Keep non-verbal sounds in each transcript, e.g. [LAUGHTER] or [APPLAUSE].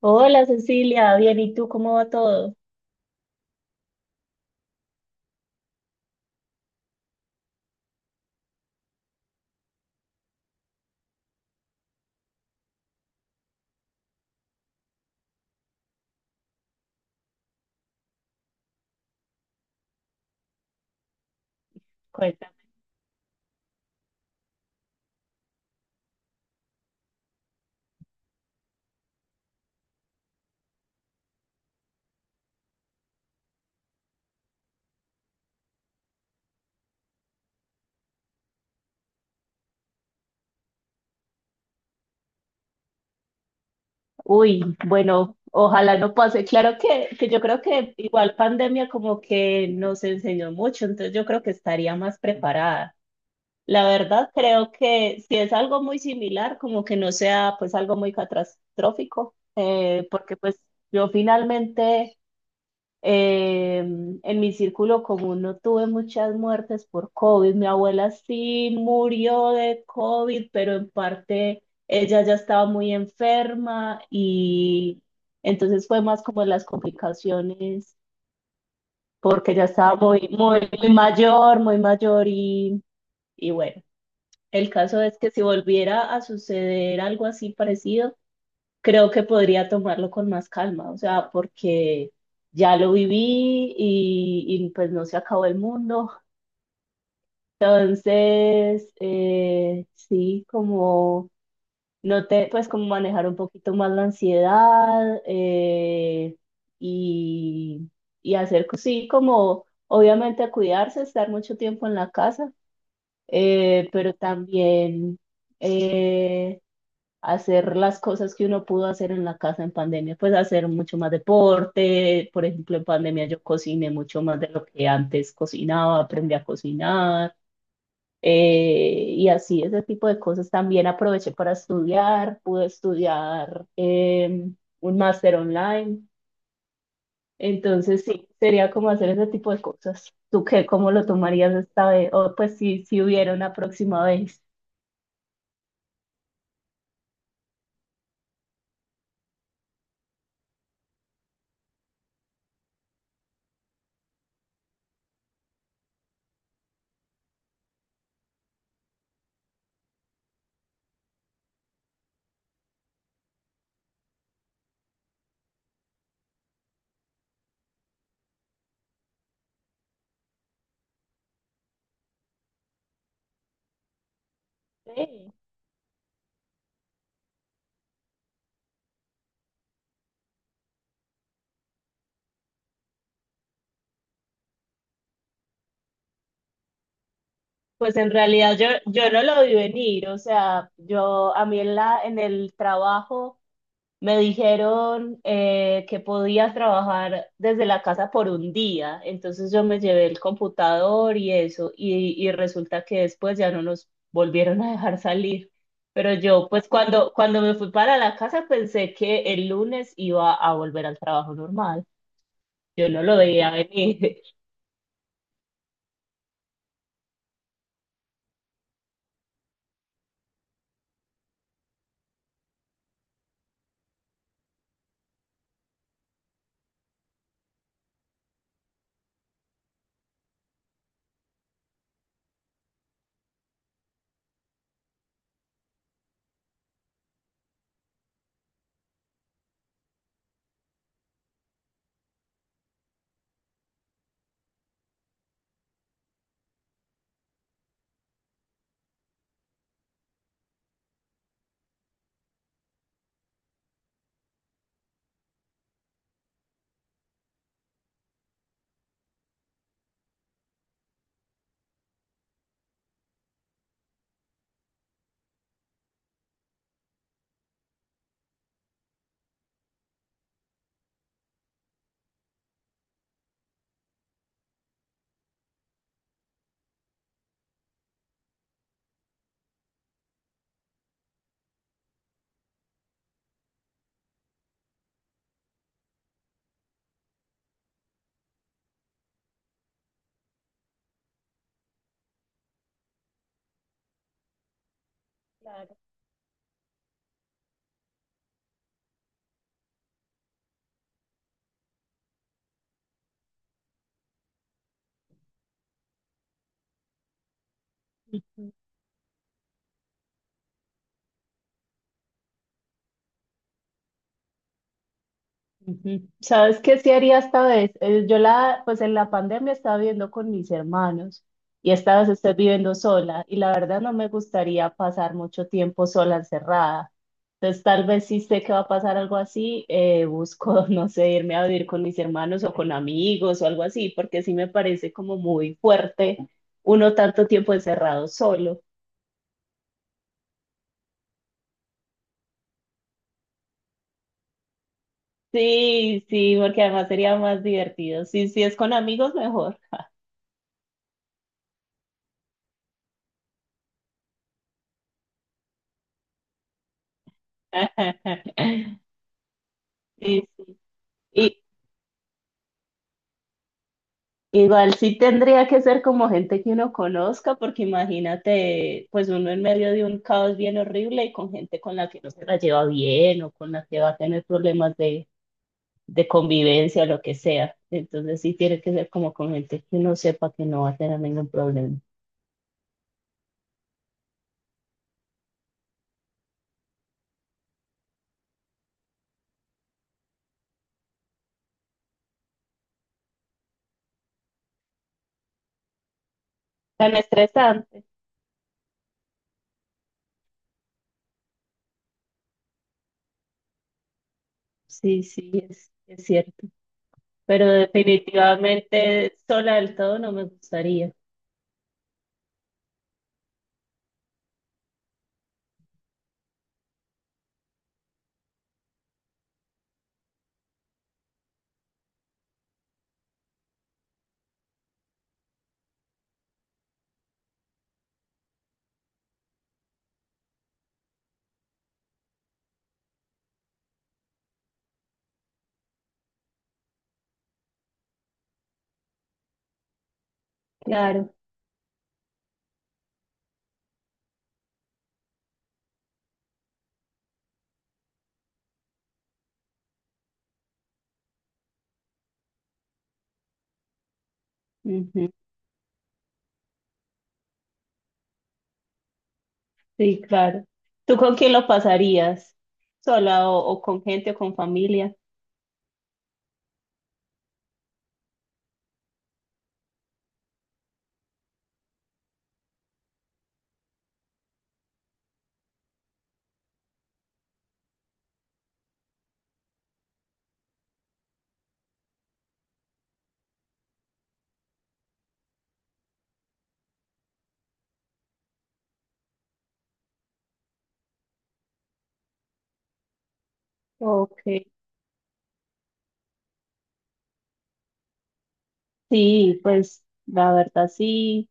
Hola Cecilia, bien, ¿y tú cómo va todo? Cuéntame. Uy, bueno, ojalá no pase. Claro que yo creo que igual pandemia como que nos enseñó mucho, entonces yo creo que estaría más preparada. La verdad, creo que si es algo muy similar, como que no sea pues algo muy catastrófico, porque pues yo finalmente Eh, en mi círculo común no tuve muchas muertes por COVID. Mi abuela sí murió de COVID, pero en parte ella ya estaba muy enferma y entonces fue más como las complicaciones porque ya estaba muy, muy, muy mayor y bueno, el caso es que si volviera a suceder algo así parecido, creo que podría tomarlo con más calma, o sea, porque ya lo viví pues no se acabó el mundo. Entonces, sí, como no te, pues como manejar un poquito más la ansiedad y, y hacer, sí, como obviamente cuidarse, estar mucho tiempo en la casa, pero también... eh, hacer las cosas que uno pudo hacer en la casa en pandemia, pues hacer mucho más deporte, por ejemplo, en pandemia yo cociné mucho más de lo que antes cocinaba, aprendí a cocinar, y así ese tipo de cosas. También aproveché para estudiar, pude estudiar un máster online, entonces sí, sería como hacer ese tipo de cosas. ¿Tú qué, cómo lo tomarías esta vez? O pues si, si hubiera una próxima vez. Sí. Pues en realidad yo no lo vi venir, o sea, yo a mí en la, en el trabajo me dijeron que podía trabajar desde la casa por un día, entonces yo me llevé el computador y eso, y resulta que después ya no nos volvieron a dejar salir. Pero yo pues cuando me fui para la casa pensé que el lunes iba a volver al trabajo normal, yo no lo veía venir. [LAUGHS] Claro. Ujú. ¿Sabes qué sí haría esta vez? Yo la, pues en la pandemia estaba viviendo con mis hermanos y esta vez estoy viviendo sola y la verdad no me gustaría pasar mucho tiempo sola encerrada. Entonces tal vez si sé que va a pasar algo así, busco, [LAUGHS] no sé, irme a vivir con mis hermanos o con amigos o algo así, porque sí me parece como muy fuerte uno tanto tiempo encerrado solo. Sí, sí, porque además sería más divertido. Sí, sí, es con amigos mejor. [LAUGHS] Sí, sí. Igual sí tendría que ser como gente que uno conozca, porque imagínate, pues uno en medio de un caos bien horrible y con gente con la que no se la lleva bien o con la que va a tener problemas de convivencia o lo que sea. Entonces sí tiene que ser como con gente que uno sepa que no va a tener ningún problema. Tan estresante. Sí, sí, es cierto. Pero definitivamente sola del todo no me gustaría. Claro. Ujú. Sí, claro. ¿Tú con quién lo pasarías? ¿Sola o con gente o con familia? Ok. Sí, pues la verdad sí.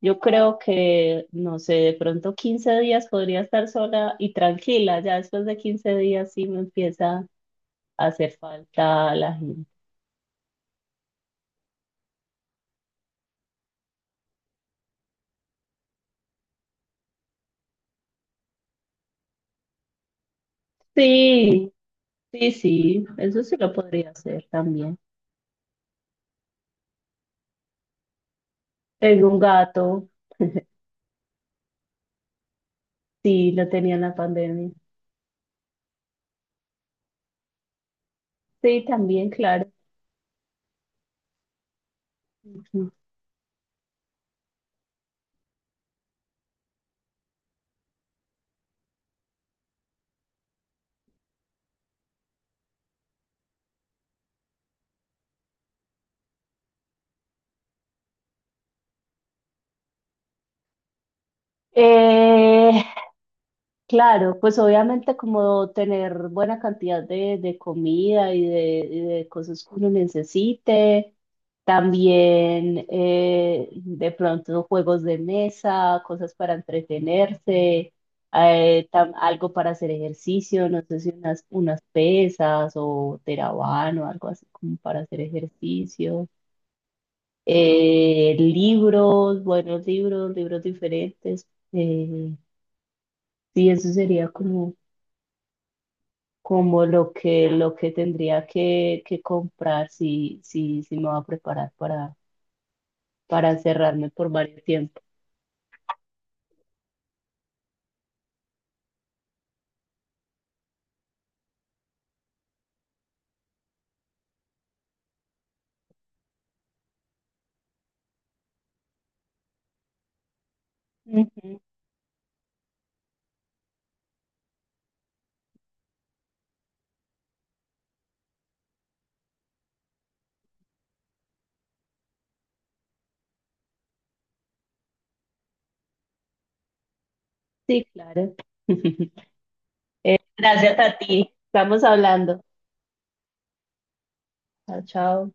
Yo creo que, no sé, de pronto 15 días podría estar sola y tranquila. Ya después de 15 días sí me empieza a hacer falta la gente. Sí, sí, sí. Eso sí lo podría hacer también. Tengo un gato. Sí, lo tenía en la pandemia. Sí, también, claro. Ujú. Eh, Claro, pues obviamente como tener buena cantidad de comida y de cosas que uno necesite, también de pronto juegos de mesa, cosas para entretenerse, algo para hacer ejercicio, no sé si unas, unas pesas o terabano, algo así como para hacer ejercicio, libros, buenos libros, libros diferentes, sí, eso sería como... como lo que tendría que comprar si, si, si me va a preparar para cerrarme por varios tiempos. Ujú, sí, claro. [LAUGHS] Gracias a ti. Estamos hablando. Chao, chao.